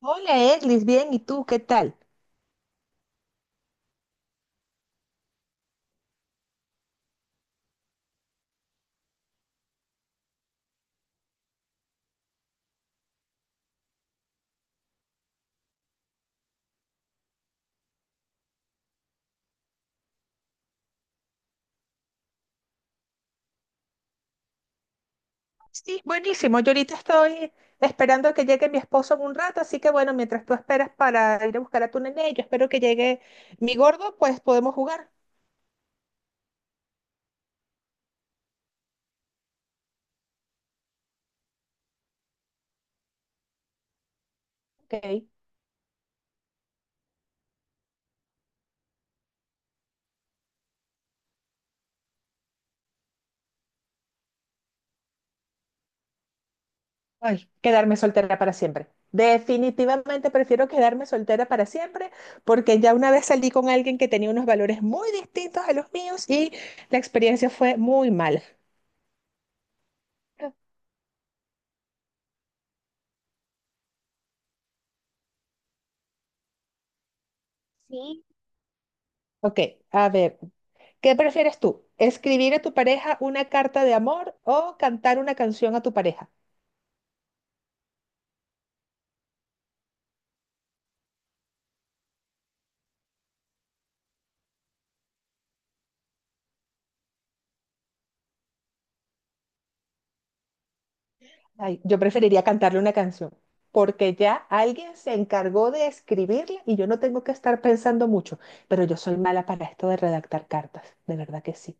Hola, Edlis, bien, ¿y tú qué tal? Sí, buenísimo. Yo ahorita estoy esperando que llegue mi esposo en un rato, así que bueno, mientras tú esperas para ir a buscar a tu nene, yo espero que llegue mi gordo, pues podemos jugar. Ok. Ay, quedarme soltera para siempre. Definitivamente prefiero quedarme soltera para siempre, porque ya una vez salí con alguien que tenía unos valores muy distintos a los míos y la experiencia fue muy mala. Sí, ok, a ver. ¿Qué prefieres tú? ¿Escribir a tu pareja una carta de amor o cantar una canción a tu pareja? Ay, yo preferiría cantarle una canción, porque ya alguien se encargó de escribirla y yo no tengo que estar pensando mucho, pero yo soy mala para esto de redactar cartas, de verdad que sí.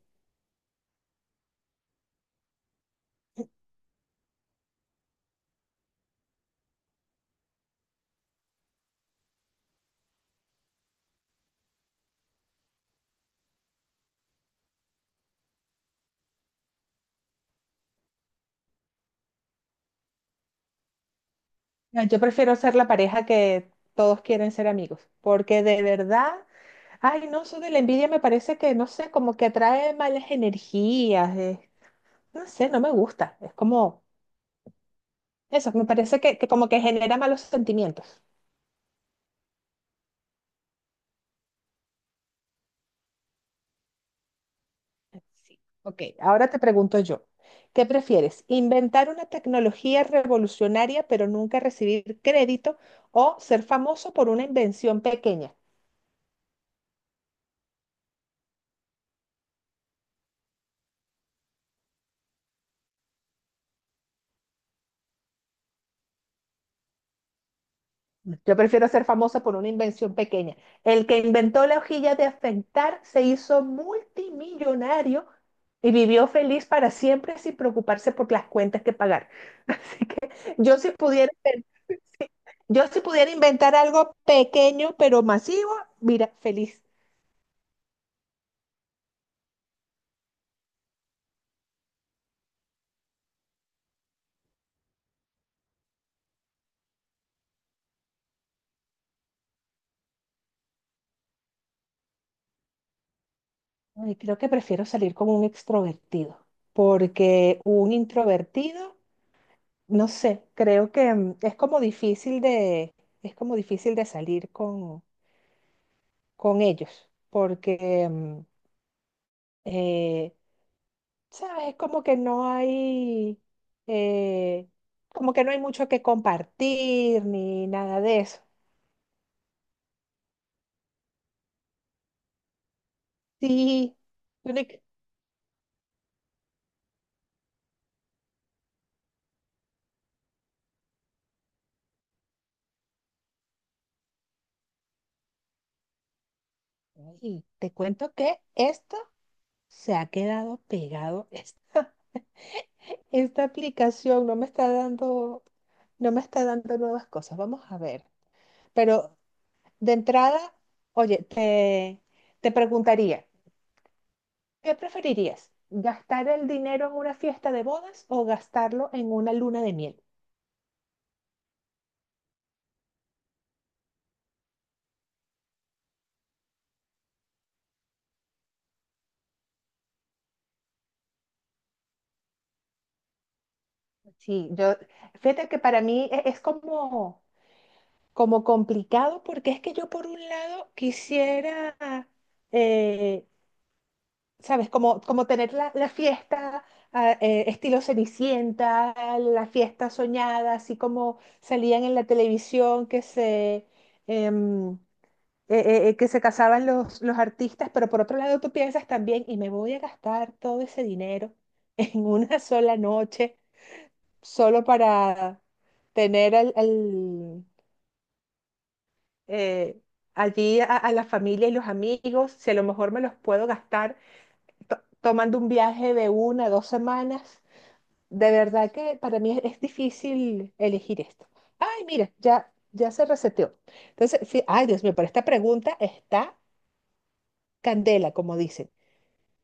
No, yo prefiero ser la pareja que todos quieren ser amigos, porque de verdad, ay, no, eso de la envidia me parece que, no sé, como que atrae malas energías, no sé, no me gusta, es como... Eso, me parece que como que genera malos sentimientos. Sí. Ok, ahora te pregunto yo, ¿qué prefieres? ¿Inventar una tecnología revolucionaria pero nunca recibir crédito o ser famoso por una invención pequeña? Yo prefiero ser famosa por una invención pequeña. El que inventó la hojilla de afeitar se hizo multimillonario y vivió feliz para siempre sin preocuparse por las cuentas que pagar. Así que yo si pudiera yo si pudiera inventar algo pequeño pero masivo, mira, feliz. Ay, creo que prefiero salir como un extrovertido, porque un introvertido, no sé, creo que es como es como difícil de salir con ellos, porque, eh, ¿sabes? Es como que no hay, eh, como que no hay mucho que compartir ni nada de eso. Sí, bueno, ay, te cuento que esto... Se ha quedado pegado esta, aplicación, no me está dando nuevas cosas. Vamos a ver. Pero de entrada, oye, te preguntaría, ¿qué preferirías? ¿Gastar el dinero en una fiesta de bodas o gastarlo en una luna de miel? Sí, fíjate que para mí es como, como complicado porque es que yo por un lado quisiera eh, ¿sabes? Como tener la fiesta estilo Cenicienta, la fiesta soñada, así como salían en la televisión em, que se casaban los artistas, pero por otro lado tú piensas también, y me voy a gastar todo ese dinero en una sola noche solo para tener eh, allí a la familia y los amigos, si a lo mejor me los puedo gastar tomando un viaje de una, dos semanas. De verdad que para mí es difícil elegir esto. Ay, mira, ya se reseteó. Entonces, sí, ay, Dios mío, pero esta pregunta está candela, como dicen.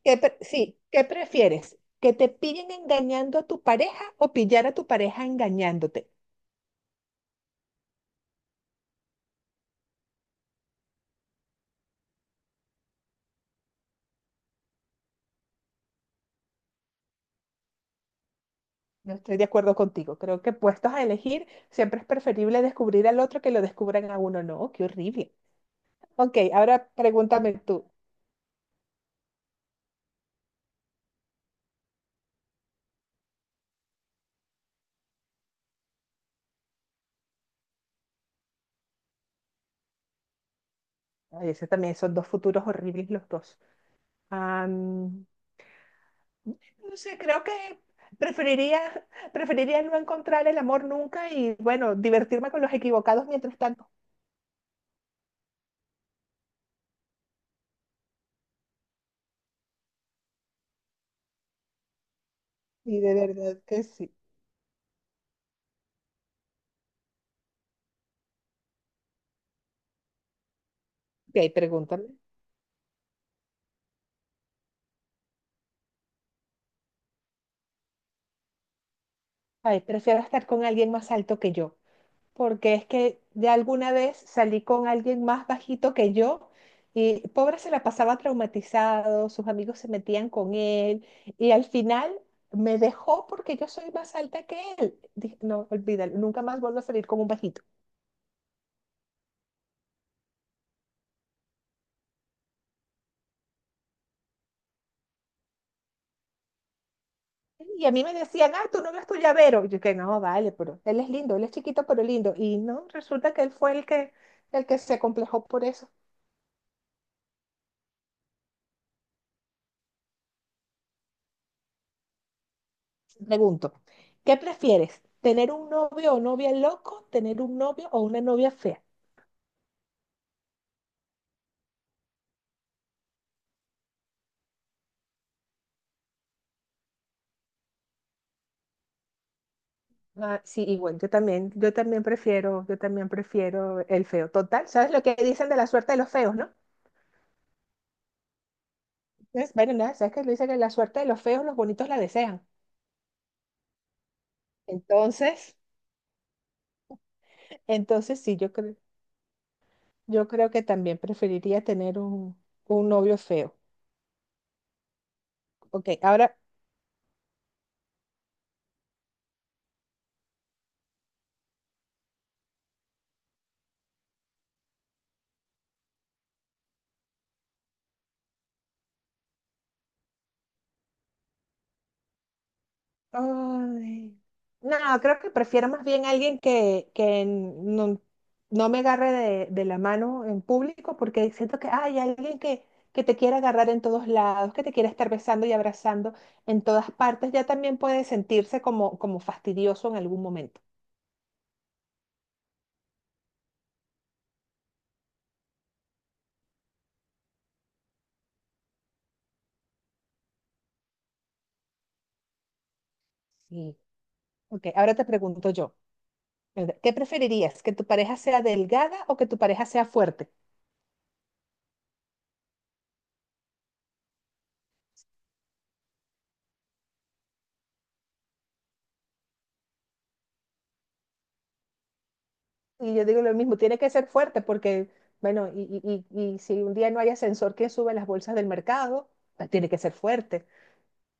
¿Qué prefieres? ¿Que te pillen engañando a tu pareja o pillar a tu pareja engañándote? No estoy de acuerdo contigo. Creo que puestos a elegir, siempre es preferible descubrir al otro que lo descubran a uno. No, qué horrible. Ok, ahora pregúntame tú. Ay, ese también, esos dos futuros horribles los dos. Am, no sé, creo que preferiría, preferiría no encontrar el amor nunca y, bueno, divertirme con los equivocados mientras tanto. Y de verdad que sí. Ok, pregúntame. Ay, prefiero estar con alguien más alto que yo, porque es que de alguna vez salí con alguien más bajito que yo y pobre se la pasaba traumatizado, sus amigos se metían con él y al final me dejó porque yo soy más alta que él. Dije, no, olvídalo, nunca más vuelvo a salir con un bajito. Y a mí me decían, ah, tú no ves tu llavero. Y yo que no, vale, pero él es lindo, él es chiquito pero lindo. Y no, resulta que él fue el que se complejó por eso. Pregunto, ¿qué prefieres? ¿Tener un novio o novia loco? ¿Tener un novio o una novia fea? Ah, sí, igual, yo también, yo también prefiero el feo. Total, ¿sabes lo que dicen de la suerte de los feos, no? Entonces, bueno, nada, ¿sabes que dicen que la suerte de los feos, los bonitos la desean? Entonces, entonces sí, yo creo que también preferiría tener un novio feo. Ok, ahora ay. No, creo que prefiero más bien alguien que no, no me agarre de la mano en público porque siento que hay alguien que te quiere agarrar en todos lados, que te quiere estar besando y abrazando en todas partes, ya también puede sentirse como, como fastidioso en algún momento. Sí. Ok, ahora te pregunto yo, ¿qué preferirías? ¿Que tu pareja sea delgada o que tu pareja sea fuerte? Y yo digo lo mismo, tiene que ser fuerte porque, bueno, y si un día no hay ascensor que sube las bolsas del mercado, pues tiene que ser fuerte.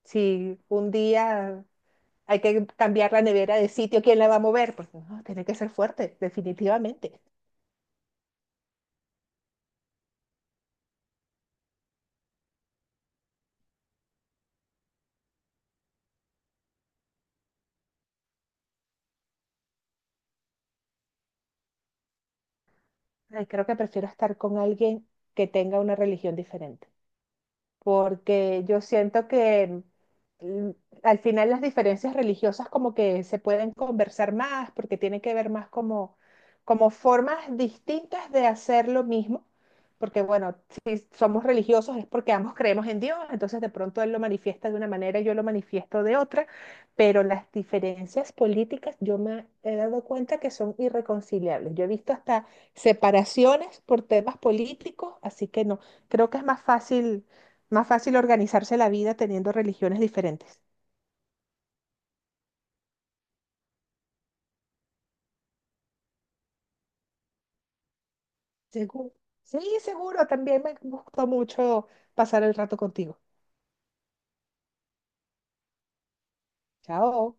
Si un día hay que cambiar la nevera de sitio, ¿quién la va a mover? Pues no, tiene que ser fuerte, definitivamente. Ay, creo que prefiero estar con alguien que tenga una religión diferente, porque yo siento que mm, al final las diferencias religiosas como que se pueden conversar más, porque tiene que ver más como, como formas distintas de hacer lo mismo, porque bueno, si somos religiosos es porque ambos creemos en Dios, entonces de pronto Él lo manifiesta de una manera y yo lo manifiesto de otra, pero las diferencias políticas yo me he dado cuenta que son irreconciliables. Yo he visto hasta separaciones por temas políticos, así que no, creo que es más fácil organizarse la vida teniendo religiones diferentes. Seguro. Sí, seguro, también me gustó mucho pasar el rato contigo. Chao.